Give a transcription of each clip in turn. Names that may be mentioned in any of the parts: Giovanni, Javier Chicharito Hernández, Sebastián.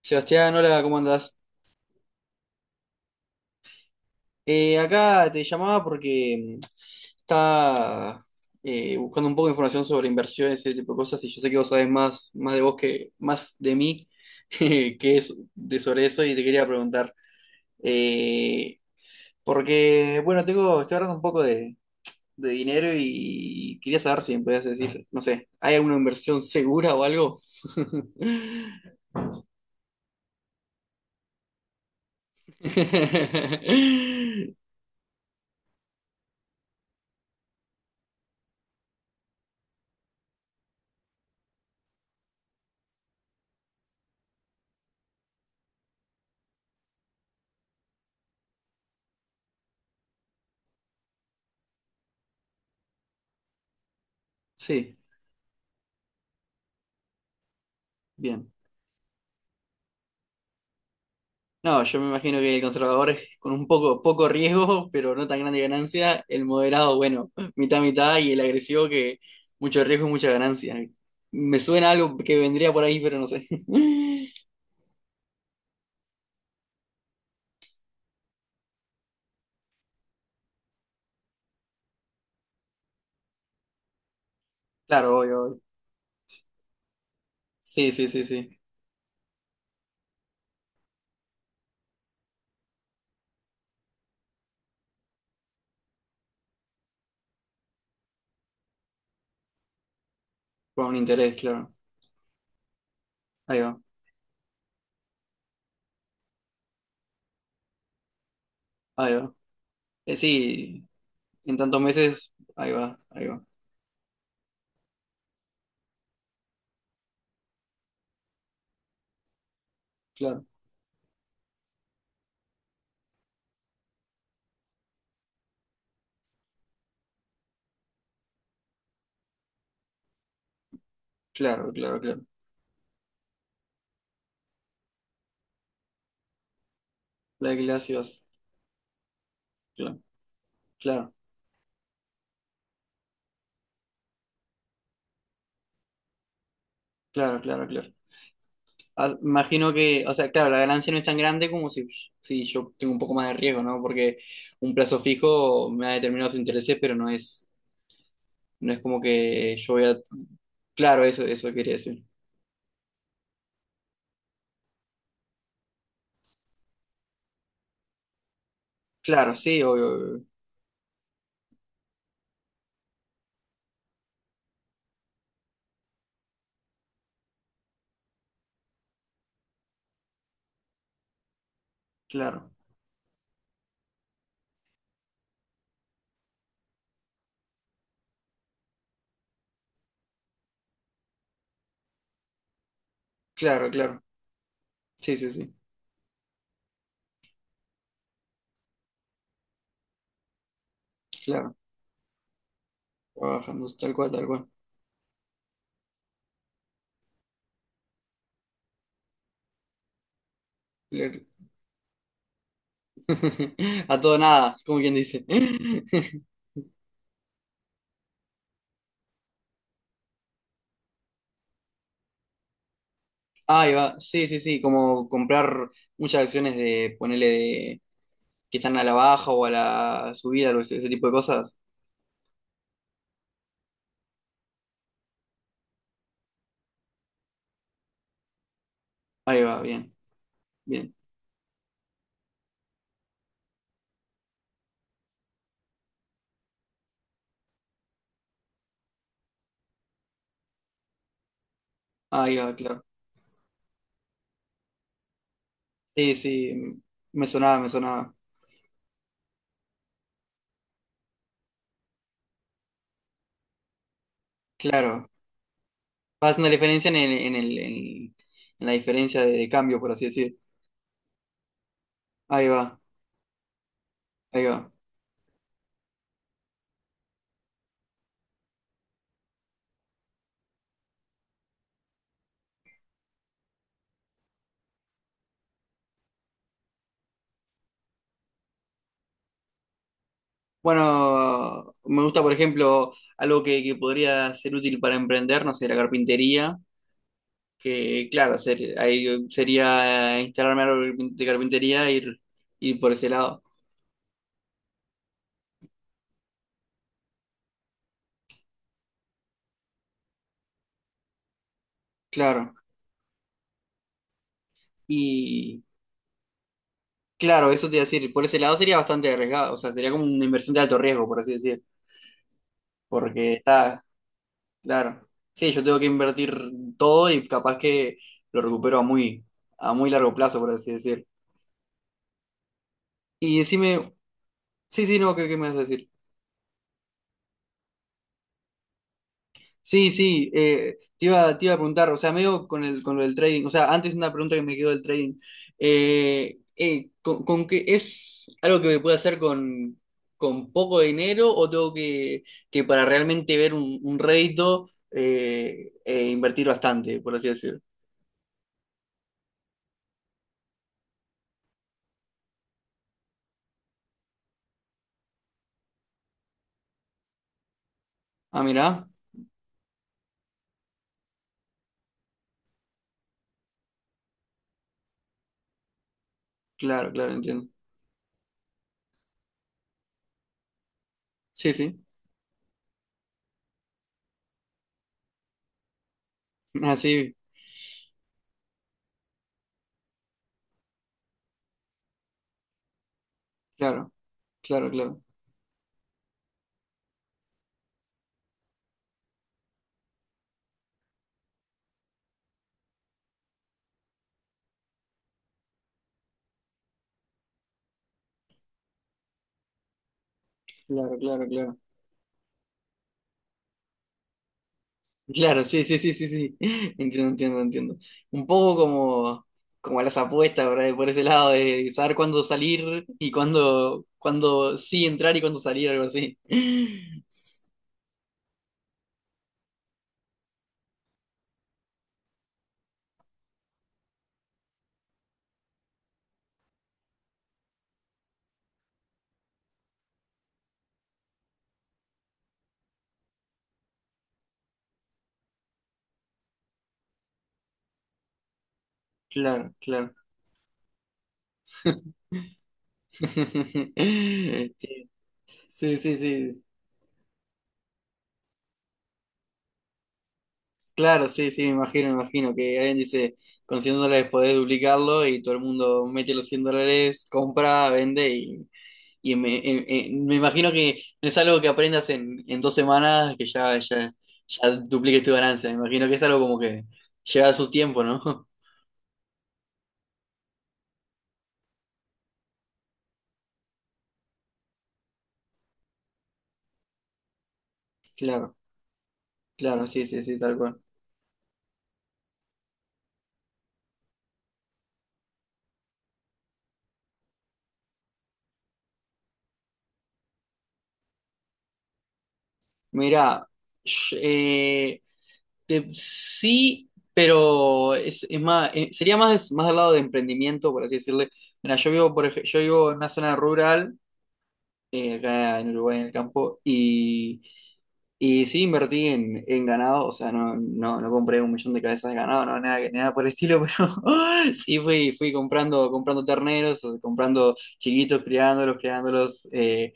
Sebastián, hola, ¿cómo andás? Acá te llamaba porque estaba buscando un poco de información sobre inversiones y ese tipo de cosas, y yo sé que vos sabés más de vos que más de mí que es de sobre eso, y te quería preguntar. eh, Porque, bueno, tengo, estoy ahorrando un poco de dinero y quería saber si me podías decir, no sé, ¿hay alguna inversión segura o algo? Sí, bien. No, yo me imagino que el conservador es con un poco riesgo, pero no tan grande ganancia. El moderado, bueno, mitad, mitad, y el agresivo que mucho riesgo y mucha ganancia. Me suena algo que vendría por ahí, pero no sé. Claro, obvio, obvio. Sí, sí, sí, sí. Con un interés, claro. Ahí va, ahí va. Sí, en tantos meses, ahí va, ahí va. Claro, claro, claro, claro. La de Glacios, claro, claro, claro, claro, claro. Ah, imagino que, o sea, claro, la ganancia no es tan grande como si, si yo tengo un poco más de riesgo, ¿no? Porque un plazo fijo me da determinados intereses, pero no es, no es como que yo voy a... Claro, eso quería decir. Claro, sí, obvio, obvio. Claro, claro, claro. Sí, sí, sí, claro. Trabajando, tal cual, tal cual. Claro. A todo nada, como quien dice. Ahí va, sí, sí, sí, como comprar muchas acciones de, ponerle de, que están a la baja o a la subida, o ese tipo de cosas. Ahí va, bien, bien. Ahí va, claro. Sí, sí, mm, me sonaba, me sonaba. Claro. Vas una diferencia en en la diferencia de cambio, por así decir. Ahí va, ahí va. Bueno, me gusta, por ejemplo, algo que podría ser útil para emprender, no sé, la carpintería, que claro, ahí sería instalarme algo de carpintería e ir, ir por ese lado. Claro. Y claro, eso te iba a decir, por ese lado sería bastante arriesgado, o sea, sería como una inversión de alto riesgo, por así decir. Porque está, claro. Sí, yo tengo que invertir todo y capaz que lo recupero a muy largo plazo, por así decir. Y decime, sí, sí, no, ¿qué, qué me vas a decir? Sí, sí, te iba a preguntar, o sea, medio con el, con lo del trading, o sea, antes una pregunta que me quedó del trading. Con qué es algo que me pueda hacer con poco dinero o tengo que para realmente ver un rédito invertir bastante, por así decir? Ah, mira. Claro, claro, entiendo. Sí, sí. Así, claro, claro, claro, claro, claro, claro. Claro, sí, sí, sí, sí, sí. Entiendo, entiendo, entiendo. Un poco como, como las apuestas, ¿verdad? Por ese lado de saber cuándo salir y cuándo, cuándo sí entrar y cuándo salir, algo así. Claro, claro. Sí, sí, sí. Claro, sí, sí, me imagino que alguien dice, con 100 dólares podés duplicarlo y todo el mundo mete los 100 dólares, compra, vende. Y me, me imagino que no es algo que aprendas en 2 semanas, que ya, ya, ya dupliques tu ganancia. Me imagino que es algo como que lleva su tiempo, ¿no? Claro, claro, sí, sí, sí, tal cual. Mira, sh- eh, sí, pero es más, sería más, más al lado de emprendimiento, por así decirle. Mira, yo vivo, yo vivo en una zona rural, acá en Uruguay, en el campo. Y sí invertí en ganado, o sea, no, no, no compré un millón de cabezas de ganado, no, nada, nada por el estilo, pero sí fui, fui comprando, comprando terneros, o sea, comprando chiquitos, criándolos, criándolos,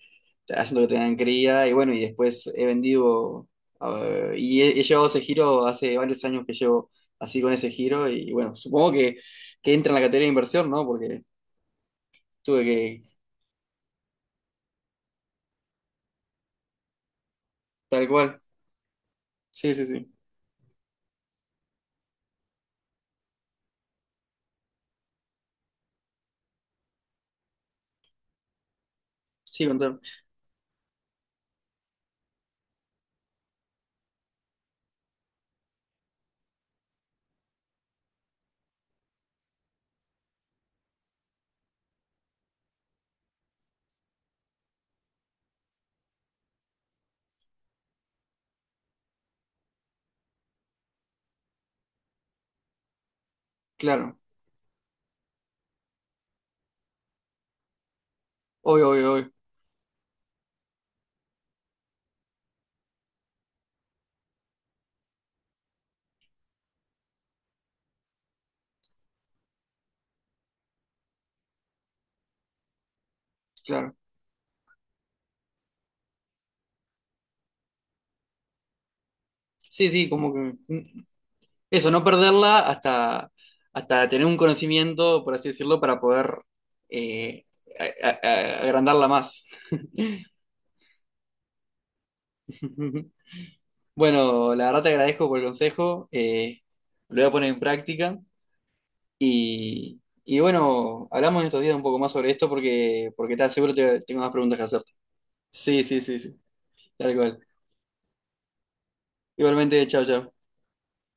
haciendo que tengan cría, y bueno, y después he vendido, y he, he llevado ese giro hace varios años que llevo así con ese giro, y bueno, supongo que entra en la categoría de inversión, ¿no? Porque tuve que, tal cual, sí, sí, sí, sí, contar, claro, obvio, obvio, obvio, claro. Sí, sí, como que... mm, eso, no perderla hasta, hasta tener un conocimiento, por así decirlo, para poder eh, agrandarla más. Bueno, la verdad te agradezco por el consejo, lo voy a poner en práctica y bueno, hablamos en estos días un poco más sobre esto porque, porque te aseguro que tengo más preguntas que hacerte. Sí, sí, sí, sí, tal cual. Igualmente, chao, chao.